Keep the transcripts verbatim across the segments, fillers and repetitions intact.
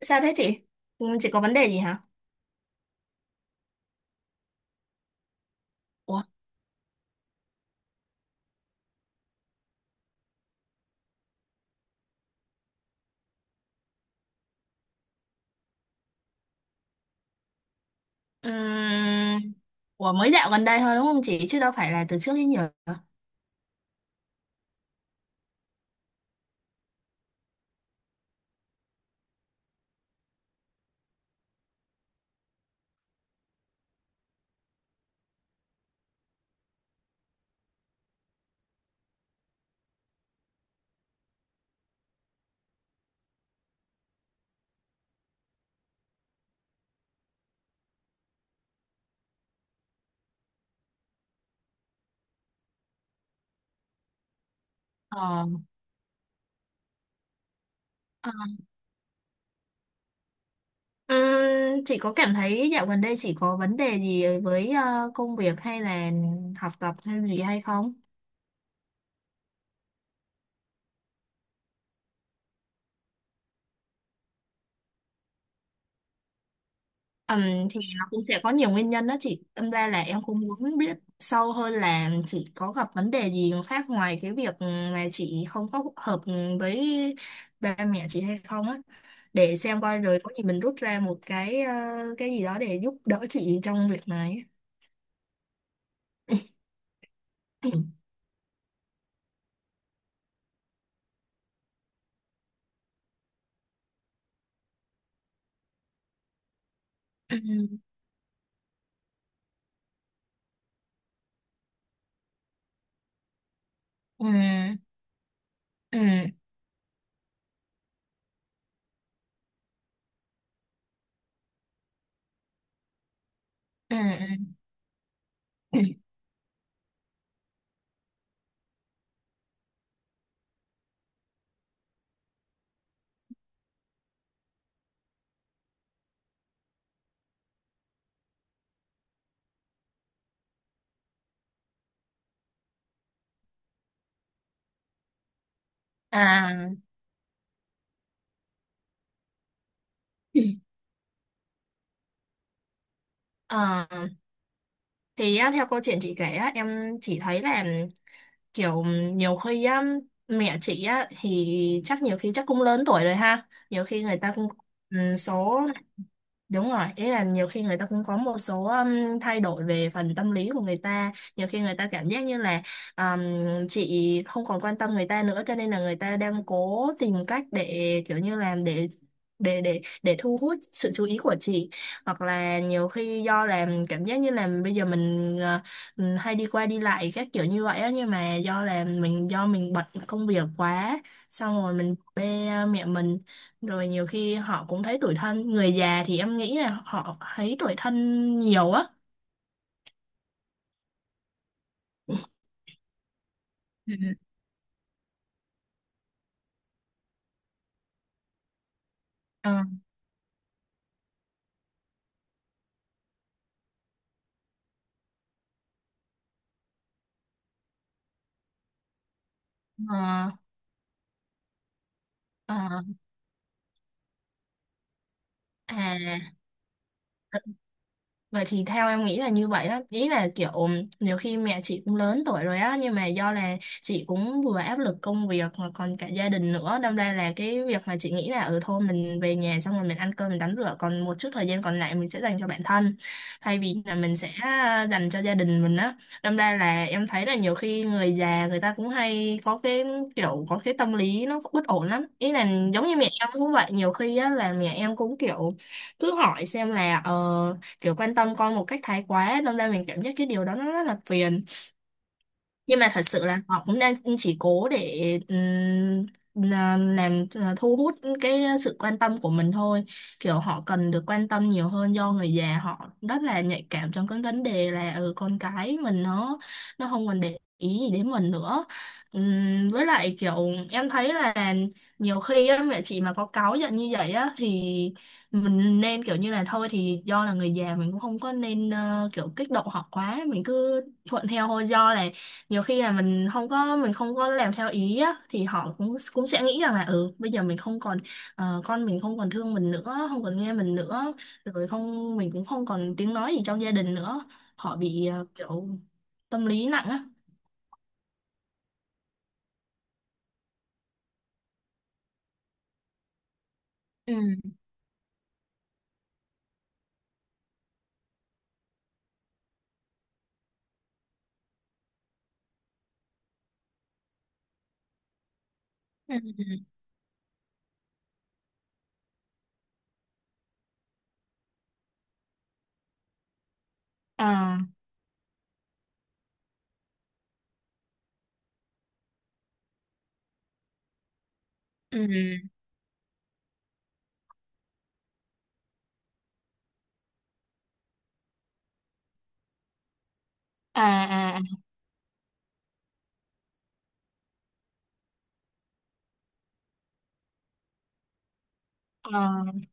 Sao thế chị? Ừ, chị có vấn đề gì hả? Ủa? Ừm. Ủa, mới dạo gần đây thôi đúng không chị? Chứ đâu phải là từ trước đến giờ. Ờ. Ờ. Ừm, Chị có cảm thấy dạo gần đây chị có vấn đề gì với ờ, công việc hay là học tập hay gì hay không? Ừm, thì nó cũng sẽ có nhiều nguyên nhân đó chị. Tâm ra là em cũng muốn biết sâu hơn là chị có gặp vấn đề gì khác ngoài cái việc mà chị không có hợp với ba mẹ chị hay không á. Để xem coi rồi có gì mình rút ra một cái ờ, cái gì đó để giúp đỡ chị trong việc này. Ừ, ừ, ừ, ừ. À, ờ, thì á, theo câu chuyện chị kể á, em chỉ thấy là kiểu nhiều khi á, mẹ chị á thì chắc nhiều khi chắc cũng lớn tuổi rồi ha, nhiều khi người ta cũng ừ, số. Đúng rồi, ý là nhiều khi người ta cũng có một số um, thay đổi về phần tâm lý của người ta. Nhiều khi người ta cảm giác như là um, chị không còn quan tâm người ta nữa, cho nên là người ta đang cố tìm cách để kiểu như làm để để để để thu hút sự chú ý của chị, hoặc là nhiều khi do làm cảm giác như là bây giờ mình ờ, ừ, hay đi qua đi lại các kiểu như vậy á, nhưng mà do là mình do mình bận công việc quá, xong rồi mình bê mẹ mình, rồi nhiều khi họ cũng thấy tủi thân, người già thì em nghĩ là họ thấy tủi thân nhiều á. Ừ. Ừ. Ờ. Ờ, ờ, à. Vậy thì theo em nghĩ là như vậy đó, ý là kiểu nhiều khi mẹ chị cũng lớn tuổi rồi á, nhưng mà do là chị cũng vừa áp lực công việc mà còn cả gia đình nữa, đâm ra là cái việc mà chị nghĩ là ở thôi mình về nhà xong rồi mình ăn cơm, mình tắm rửa, còn một chút thời gian còn lại mình sẽ dành cho bản thân thay vì là mình sẽ à, dành cho gia đình mình á. Đâm ra là em thấy là nhiều khi người già người ta cũng hay có cái kiểu, có cái tâm lý nó bất ổn lắm, ý là giống như mẹ em cũng vậy, nhiều khi á là mẹ em cũng kiểu cứ hỏi xem là ờ kiểu quan tâm con một cách thái quá ấy, đâm ra mình cảm giác cái điều đó nó rất là phiền, nhưng mà thật sự là họ cũng đang chỉ cố để ừm, là- làm ờ, thu hút cái sự quan tâm của mình thôi, kiểu họ cần được quan tâm nhiều hơn do người già họ rất là nhạy cảm trong cái vấn đề là ừ, con cái mình nó nó không còn để ý gì đến mình nữa. Ừm, với lại kiểu em thấy là nhiều khi á, mẹ chị mà có cáu giận như vậy á thì mình nên kiểu như là thôi thì do là người già mình cũng không có nên ờ, kiểu kích động họ quá, mình cứ thuận theo thôi. Do là nhiều khi là mình không có mình không có làm theo ý á, thì họ cũng cũng sẽ nghĩ rằng là ừ bây giờ mình không còn ờ, con mình không còn thương mình nữa, không còn nghe mình nữa, rồi không mình cũng không còn tiếng nói gì trong gia đình nữa, họ bị ờ, kiểu tâm lý nặng á. Ừ ừ à ừ à à à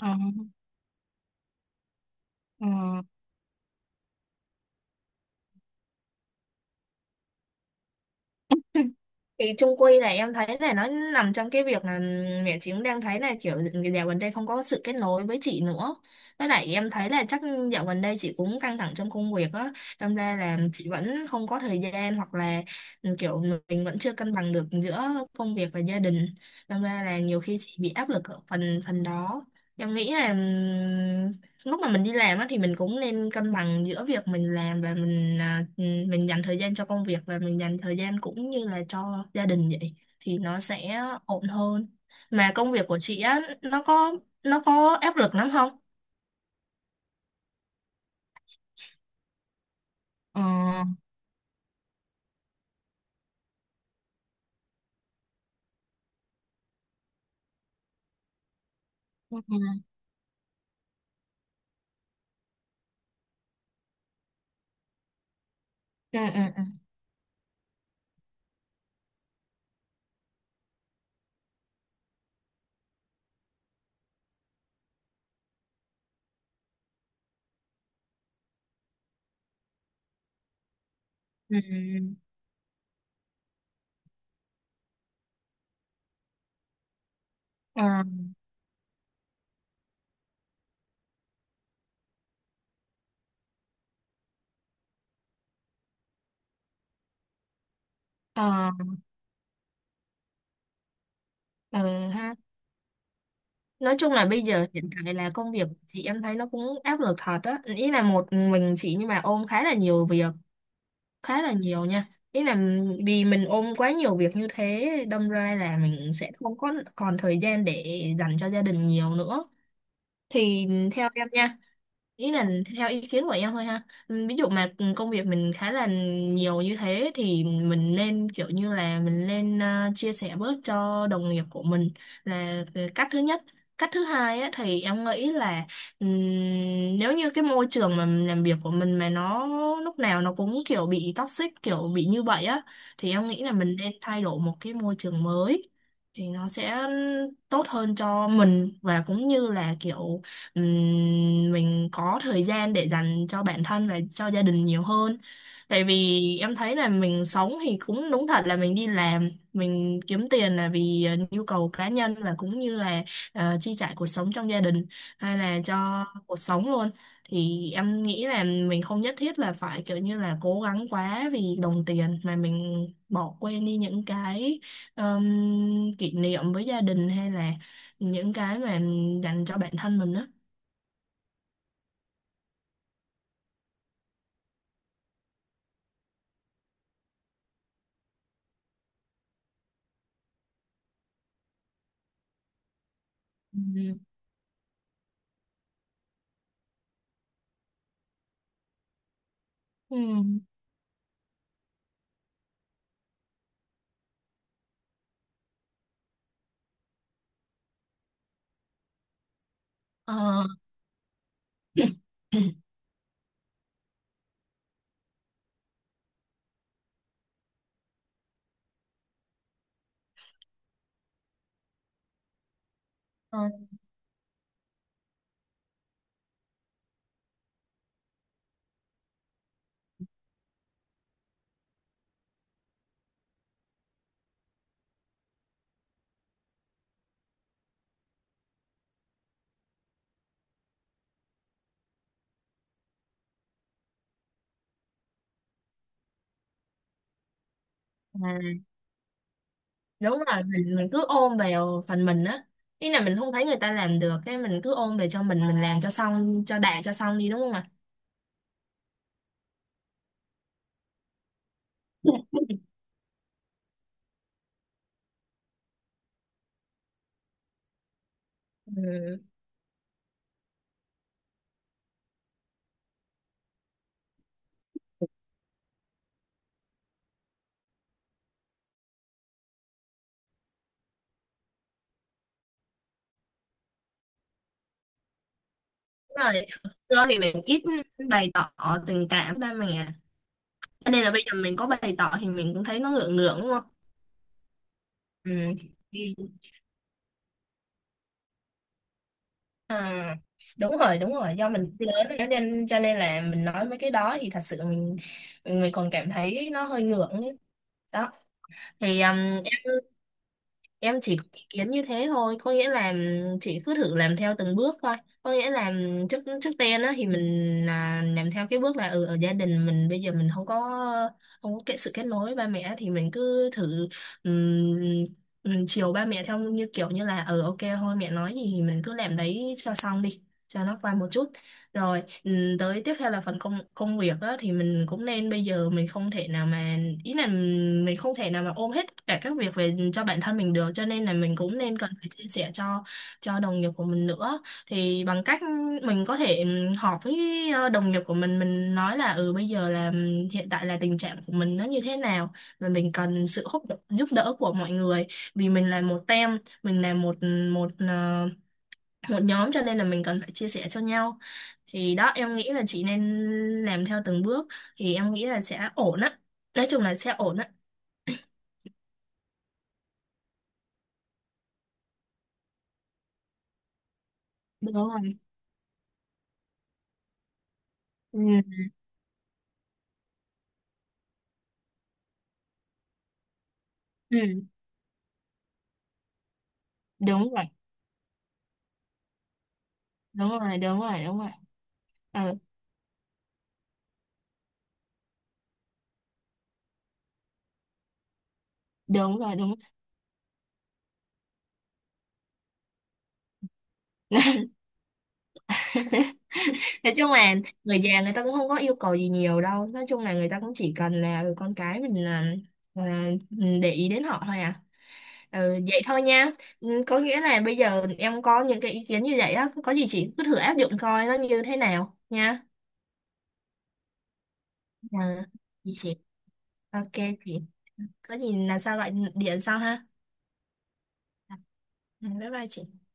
à, à, à. Thì chung quy này em thấy này nó nằm trong cái việc là mẹ chị cũng đang thấy là kiểu dạo gần đây không có sự kết nối với chị nữa. Với lại em thấy là chắc dạo gần đây chị cũng căng thẳng trong công việc á, đâm ra là chị vẫn không có thời gian, hoặc là ừ, kiểu mình vẫn chưa cân bằng được giữa công việc và gia đình, đâm ra là nhiều khi chị bị áp lực ở phần phần đó. Em nghĩ là ừ, lúc mà mình đi làm á thì mình cũng nên cân bằng giữa việc mình làm và mình à, ừ, mình dành thời gian cho công việc và mình dành thời gian cũng như là cho gia đình vậy, thì nó sẽ ổn hơn. Mà công việc của chị á nó có nó có áp lực lắm không? Ờ ừ ừ ừ ừ ừ ờ ờ ờ ha. Nói chung là bây giờ hiện tại là công việc chị em thấy nó cũng áp lực thật á, ý là một mình chị nhưng mà ôm khá là nhiều việc, khá là nhiều nha. Ý là vì mình ôm quá nhiều việc như thế đâm ra là mình sẽ không có còn thời gian để dành cho gia đình nhiều nữa. Thì theo em nha, ý là theo ý kiến của em thôi ha. Ừ, ví dụ mà công việc mình khá là nhiều như thế thì mình nên kiểu như là mình nên ờ, chia sẻ bớt cho đồng nghiệp của mình, là cái cách thứ nhất. Cách thứ hai á, thì em nghĩ là ừm, nếu như cái môi trường mà mình làm việc của mình mà nó lúc nào nó cũng kiểu bị toxic, kiểu bị như vậy á, thì em nghĩ là mình nên thay đổi một cái môi trường mới, thì nó sẽ tốt hơn cho mình và cũng như là kiểu ừm, mình có thời gian để dành cho bản thân và cho gia đình nhiều hơn. Tại vì em thấy là mình sống thì cũng đúng thật là mình đi làm mình kiếm tiền là vì ờ, nhu cầu cá nhân và cũng như là ờ, chi trả cuộc sống trong gia đình hay là cho cuộc sống luôn. Thì em nghĩ là mình không nhất thiết là phải kiểu như là cố gắng quá vì đồng tiền mà mình bỏ quên đi những cái ờm, kỷ niệm với gia đình hay là những cái mà dành cho bản thân mình đó. Ừ. Ừ. Ờ. Ờ, à, đúng rồi, mình mình cứ ôm vào phần mình á, ý là mình không thấy người ta làm được cái mình cứ ôm về cho mình mình làm cho xong cho đạt cho xong đi đúng không ạ? Ừ. Đúng rồi, xưa thì mình ít bày tỏ tình cảm ba mẹ. Cho nên là bây giờ mình có bày tỏ thì mình cũng thấy nó ngượng ngượng đúng không? Ừ. Ừ. À, đúng rồi đúng rồi, do mình lớn rồi cho nên cho nên là mình nói mấy cái đó thì thật sự mình mình còn cảm thấy nó hơi ngượng ấy. Đó thì um, em em chỉ có ý kiến như thế thôi, có nghĩa là um, chị cứ thử làm theo từng bước thôi, có nghĩa là um, trước trước tiên á thì mình à, làm theo cái bước là ừ, ở gia đình mình bây giờ mình không có không có cái sự kết nối với ba mẹ thì mình cứ thử um, um, chiều ba mẹ theo như kiểu như là ừ ok thôi, mẹ nói gì thì mình cứ làm đấy cho xong đi, cho nó qua một chút. Rồi, ừ, tới tiếp theo là phần công công việc á, thì mình cũng nên, bây giờ mình không thể nào mà, ý là mình không thể nào mà ôm hết tất cả các việc về cho bản thân mình được, cho nên là mình cũng nên cần phải chia sẻ cho cho đồng nghiệp của mình nữa, thì bằng cách mình có thể ừ, họp với ờ, đồng nghiệp của mình mình nói là ừ bây giờ là ừ, hiện tại là tình trạng của mình nó như thế nào và mình cần sự hỗ trợ- giúp đỡ của mọi người. Vì mình là một team, mình là một một ờ, một nhóm, cho nên là mình cần phải chia sẻ cho nhau. Thì đó em nghĩ là chị nên làm theo từng bước, thì em nghĩ là sẽ ổn á, nói chung là sẽ ổn á. Đúng rồi. Ừ, ừ, đúng rồi đúng rồi đúng rồi đúng rồi. Ừ, đúng rồi đúng. Nói chung là người già người ta cũng không có yêu cầu gì nhiều đâu, nói chung là người ta cũng chỉ cần là ừ, con cái mình là, là để ý đến họ thôi à. Ừ, vậy thôi nha. Ừ, có nghĩa là bây giờ em có những cái ý kiến như vậy á, có gì chị cứ thử áp dụng coi nó như thế nào nha. Ừ, chị. Ok chị. Có gì là sao gọi điện sau ha. Ừ, bye bye chị.